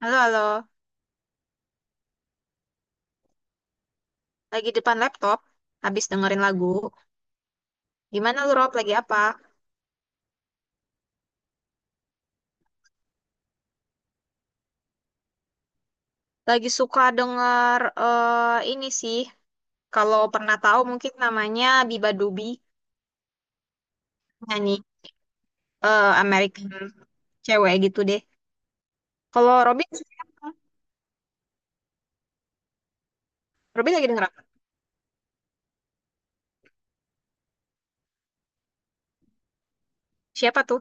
Halo, halo. Lagi depan laptop, habis dengerin lagu. Gimana lu, Rob? Lagi apa? Lagi suka denger ini sih. Kalau pernah tahu mungkin namanya Biba Dubi, nyanyi American cewek gitu deh. Kalau Robin, Robin lagi denger apa? Siapa tuh?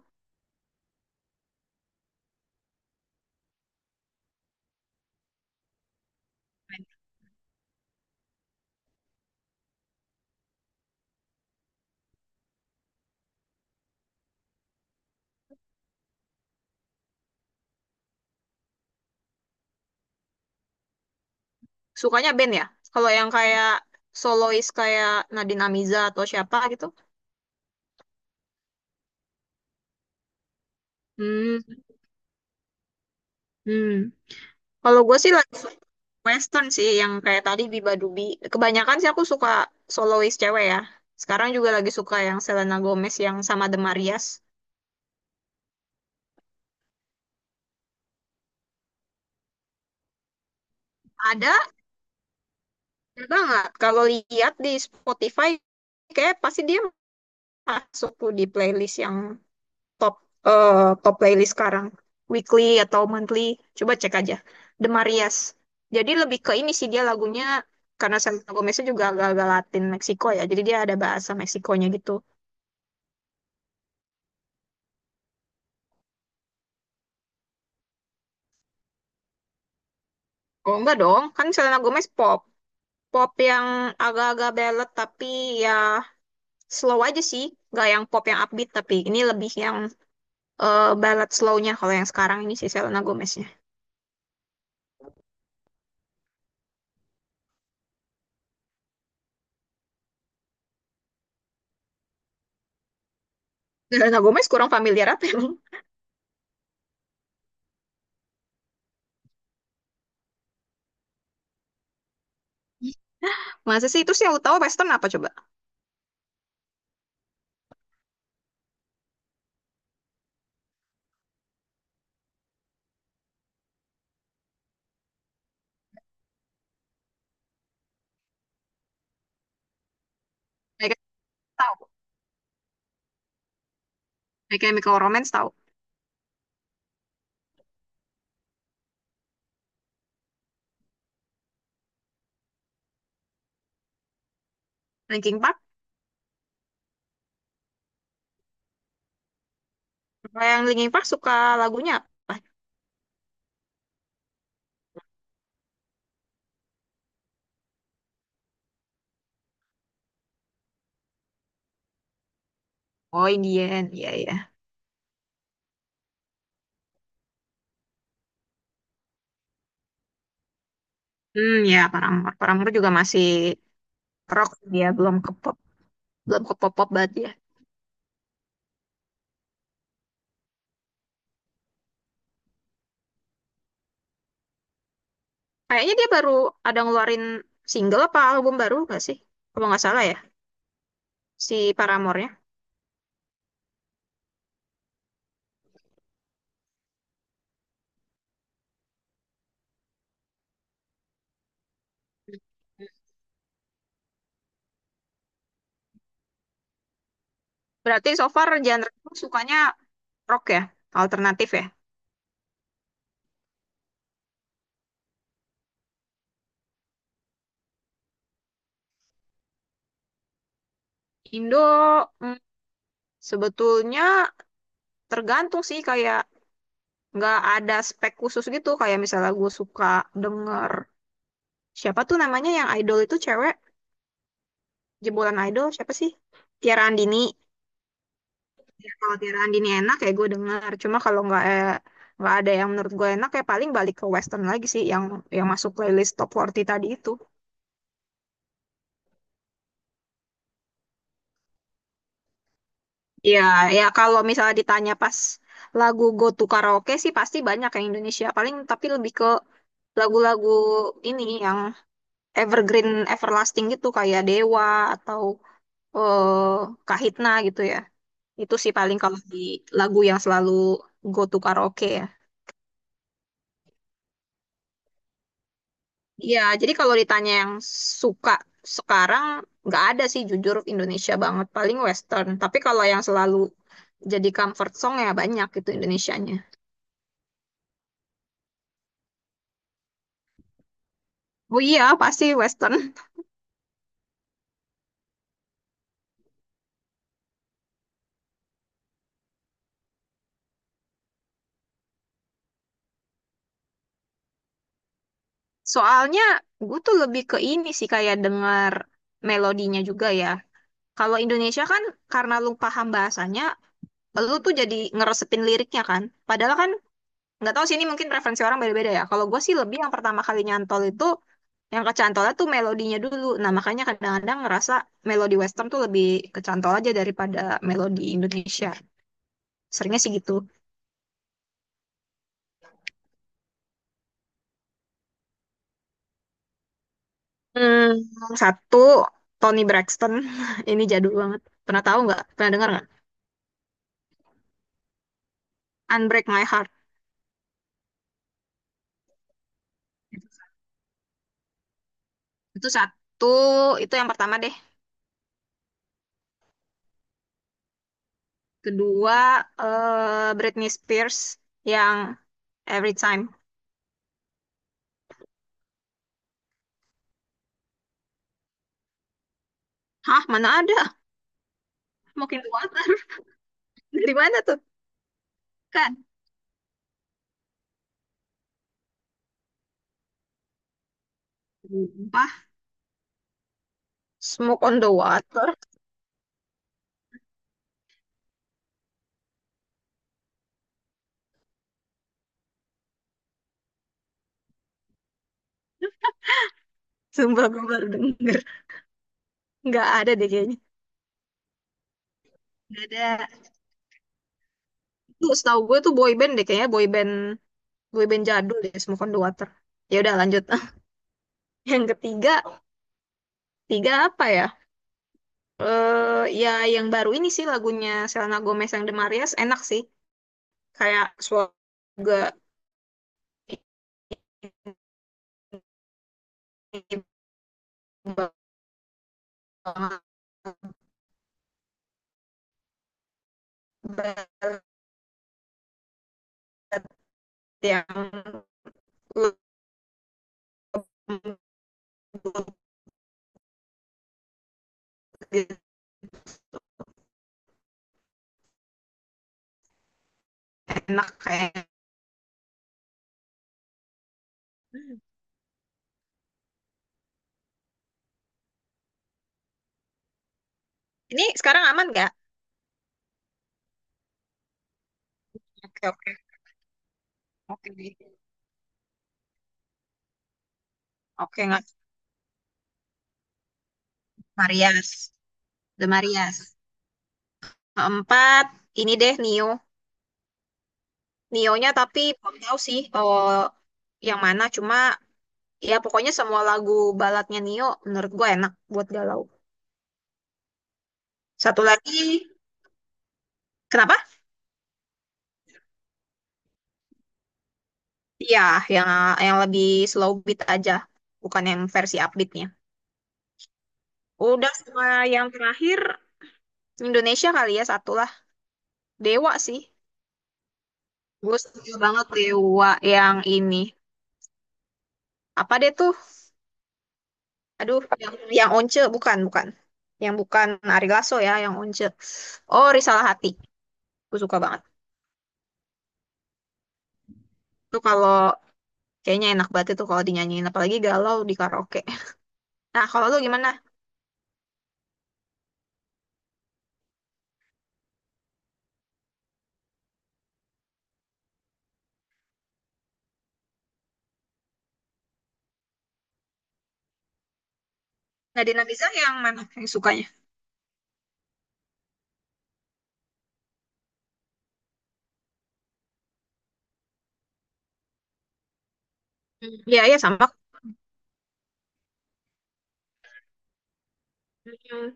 Sukanya band ya? Kalau yang kayak solois kayak Nadine Amiza atau siapa gitu? Hmm, hmm. Kalau gue sih Western sih yang kayak tadi Biba Dubi. Kebanyakan sih aku suka solois cewek ya. Sekarang juga lagi suka yang Selena Gomez yang sama The Marias. Ada, ada banget. Kalau lihat di Spotify, kayak pasti dia masuk tuh di playlist yang top eh, top playlist sekarang. Weekly atau monthly. Coba cek aja. The Marias. Jadi lebih ke ini sih dia lagunya, karena Selena Gomeznya juga agak-agak Latin Meksiko ya. Jadi dia ada bahasa Meksikonya gitu. Oh enggak dong, kan Selena Gomez pop. Pop yang agak-agak ballad tapi ya slow aja sih, nggak yang pop yang upbeat, tapi ini lebih yang ballad slownya kalau yang sekarang ini sih Selena Gomeznya. Selena Gomez kurang familiar apa emang? Masa sih itu sih yang lu tahu Western, apa coba? Mereka tahu My Chemical Romance, tahu Linkin Park. Kalau yang Linkin Park suka lagunya apa? Oh, Indian, iya, iya. Hmm, ya Paramore. Paramore juga masih rock, dia belum ke pop, belum ke pop pop banget dia. Kayaknya dia baru ada ngeluarin single apa album baru gak sih? Kalau nggak salah ya, si Paramore-nya. Berarti so far genre lu sukanya rock ya, alternatif ya. Indo, mm, sebetulnya tergantung sih, kayak nggak ada spek khusus gitu. Kayak misalnya gue suka denger siapa tuh namanya, yang idol itu cewek, jebolan idol siapa sih? Tiara Andini. Kalau Tira Andini enak ya, gue dengar, cuma kalau nggak ada yang menurut gue enak, ya paling balik ke western lagi sih, yang masuk playlist top 40 tadi itu. Iya, ya kalau misalnya ditanya pas lagu go to karaoke sih pasti banyak yang Indonesia, paling tapi lebih ke lagu-lagu ini yang evergreen everlasting gitu, kayak Dewa atau eh Kahitna gitu ya, itu sih paling kalau di lagu yang selalu go to karaoke ya. Iya, jadi kalau ditanya yang suka sekarang, nggak ada sih jujur Indonesia banget, paling Western. Tapi kalau yang selalu jadi comfort song ya banyak itu Indonesianya. Oh iya, pasti Western. Soalnya gue tuh lebih ke ini sih, kayak denger melodinya juga ya. Kalau Indonesia kan karena lu paham bahasanya, lu tuh jadi ngeresepin liriknya kan. Padahal kan nggak tahu sih, ini mungkin referensi orang beda-beda ya. Kalau gue sih lebih yang pertama kali nyantol itu, yang kecantola tuh melodinya dulu. Nah, makanya kadang-kadang ngerasa melodi western tuh lebih kecantol aja daripada melodi Indonesia. Seringnya sih gitu. Hmm, satu, Toni Braxton. Ini jadul banget. Pernah tahu nggak? Pernah dengar nggak? Unbreak My Heart. Itu satu, itu yang pertama deh. Kedua, Britney Spears yang Every Time. Hah, mana ada? Mungkin the Water. Dari mana tuh? Kan. Sumpah. Smoke on the Water. Sumpah gue baru denger. Nggak ada deh kayaknya, nggak ada. Itu setahu gue tuh boy band deh kayaknya, boy band jadul deh Smoke on the Water. Ya udah lanjut. Yang ketiga, tiga apa ya, ya yang baru ini sih lagunya Selena Gomez yang The Marias, enak sih, kayak suara juga ini banget, banget yang lembut gitu. Enak kayak ini, sekarang aman nggak? Oke, oke, oke, oke, nggak? Marias. The Marias. Keempat, ini deh Neo. Neo-nya tapi belum tahu sih, oh, yang mana. Cuma ya pokoknya semua lagu baladnya Neo menurut gue enak buat galau. Satu lagi, kenapa? Iya, yang yang lebih slow beat aja, bukan yang versi upbeatnya. Udah, sama yang terakhir Indonesia kali ya, satu lah. Dewa sih. Gue suka banget Dewa yang ini. Apa deh tuh? Aduh, yang Once bukan, bukan. Yang bukan Ari Lasso ya, yang Once. Oh, Risalah Hati. Aku suka banget. Itu kalau kayaknya enak banget itu kalau dinyanyiin apalagi galau di karaoke. Nah, kalau lu gimana? Nadine Mizar yang mana yang sukanya? Hmm, iya, iya, sama. Hmm,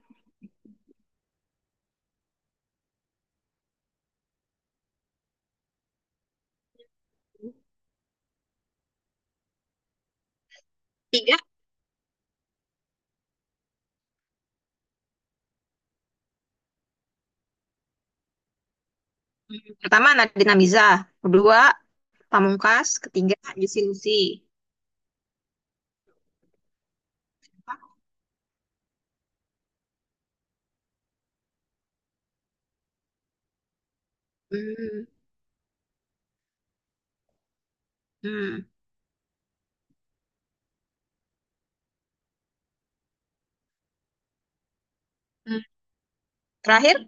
tiga. Hmm, pertama Nadine Mizar, kedua Pamungkas, ketiga Juicy Lucy. Apa? Hmm, hmm, hmm. Terakhir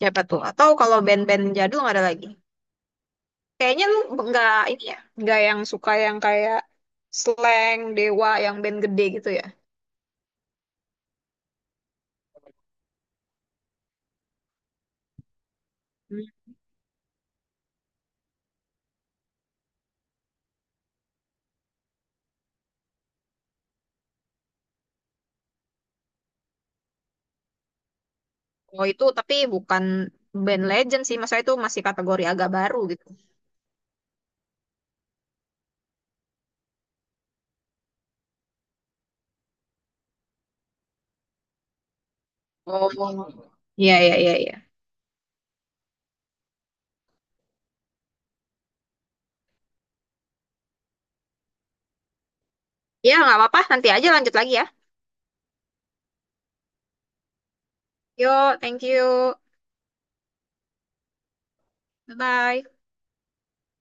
siapa tuh? Atau kalau band-band jadul nggak ada lagi? Kayaknya lu nggak ini ya, nggak yang suka yang kayak slang, dewa, yang band gede gitu ya. Hmm. Oh itu tapi bukan band legend sih, masa itu masih kategori agak baru gitu. Oh, iya, iya, iya, iya. Ya nggak apa-apa, nanti aja lanjut lagi ya. Yo, thank you. Bye-bye.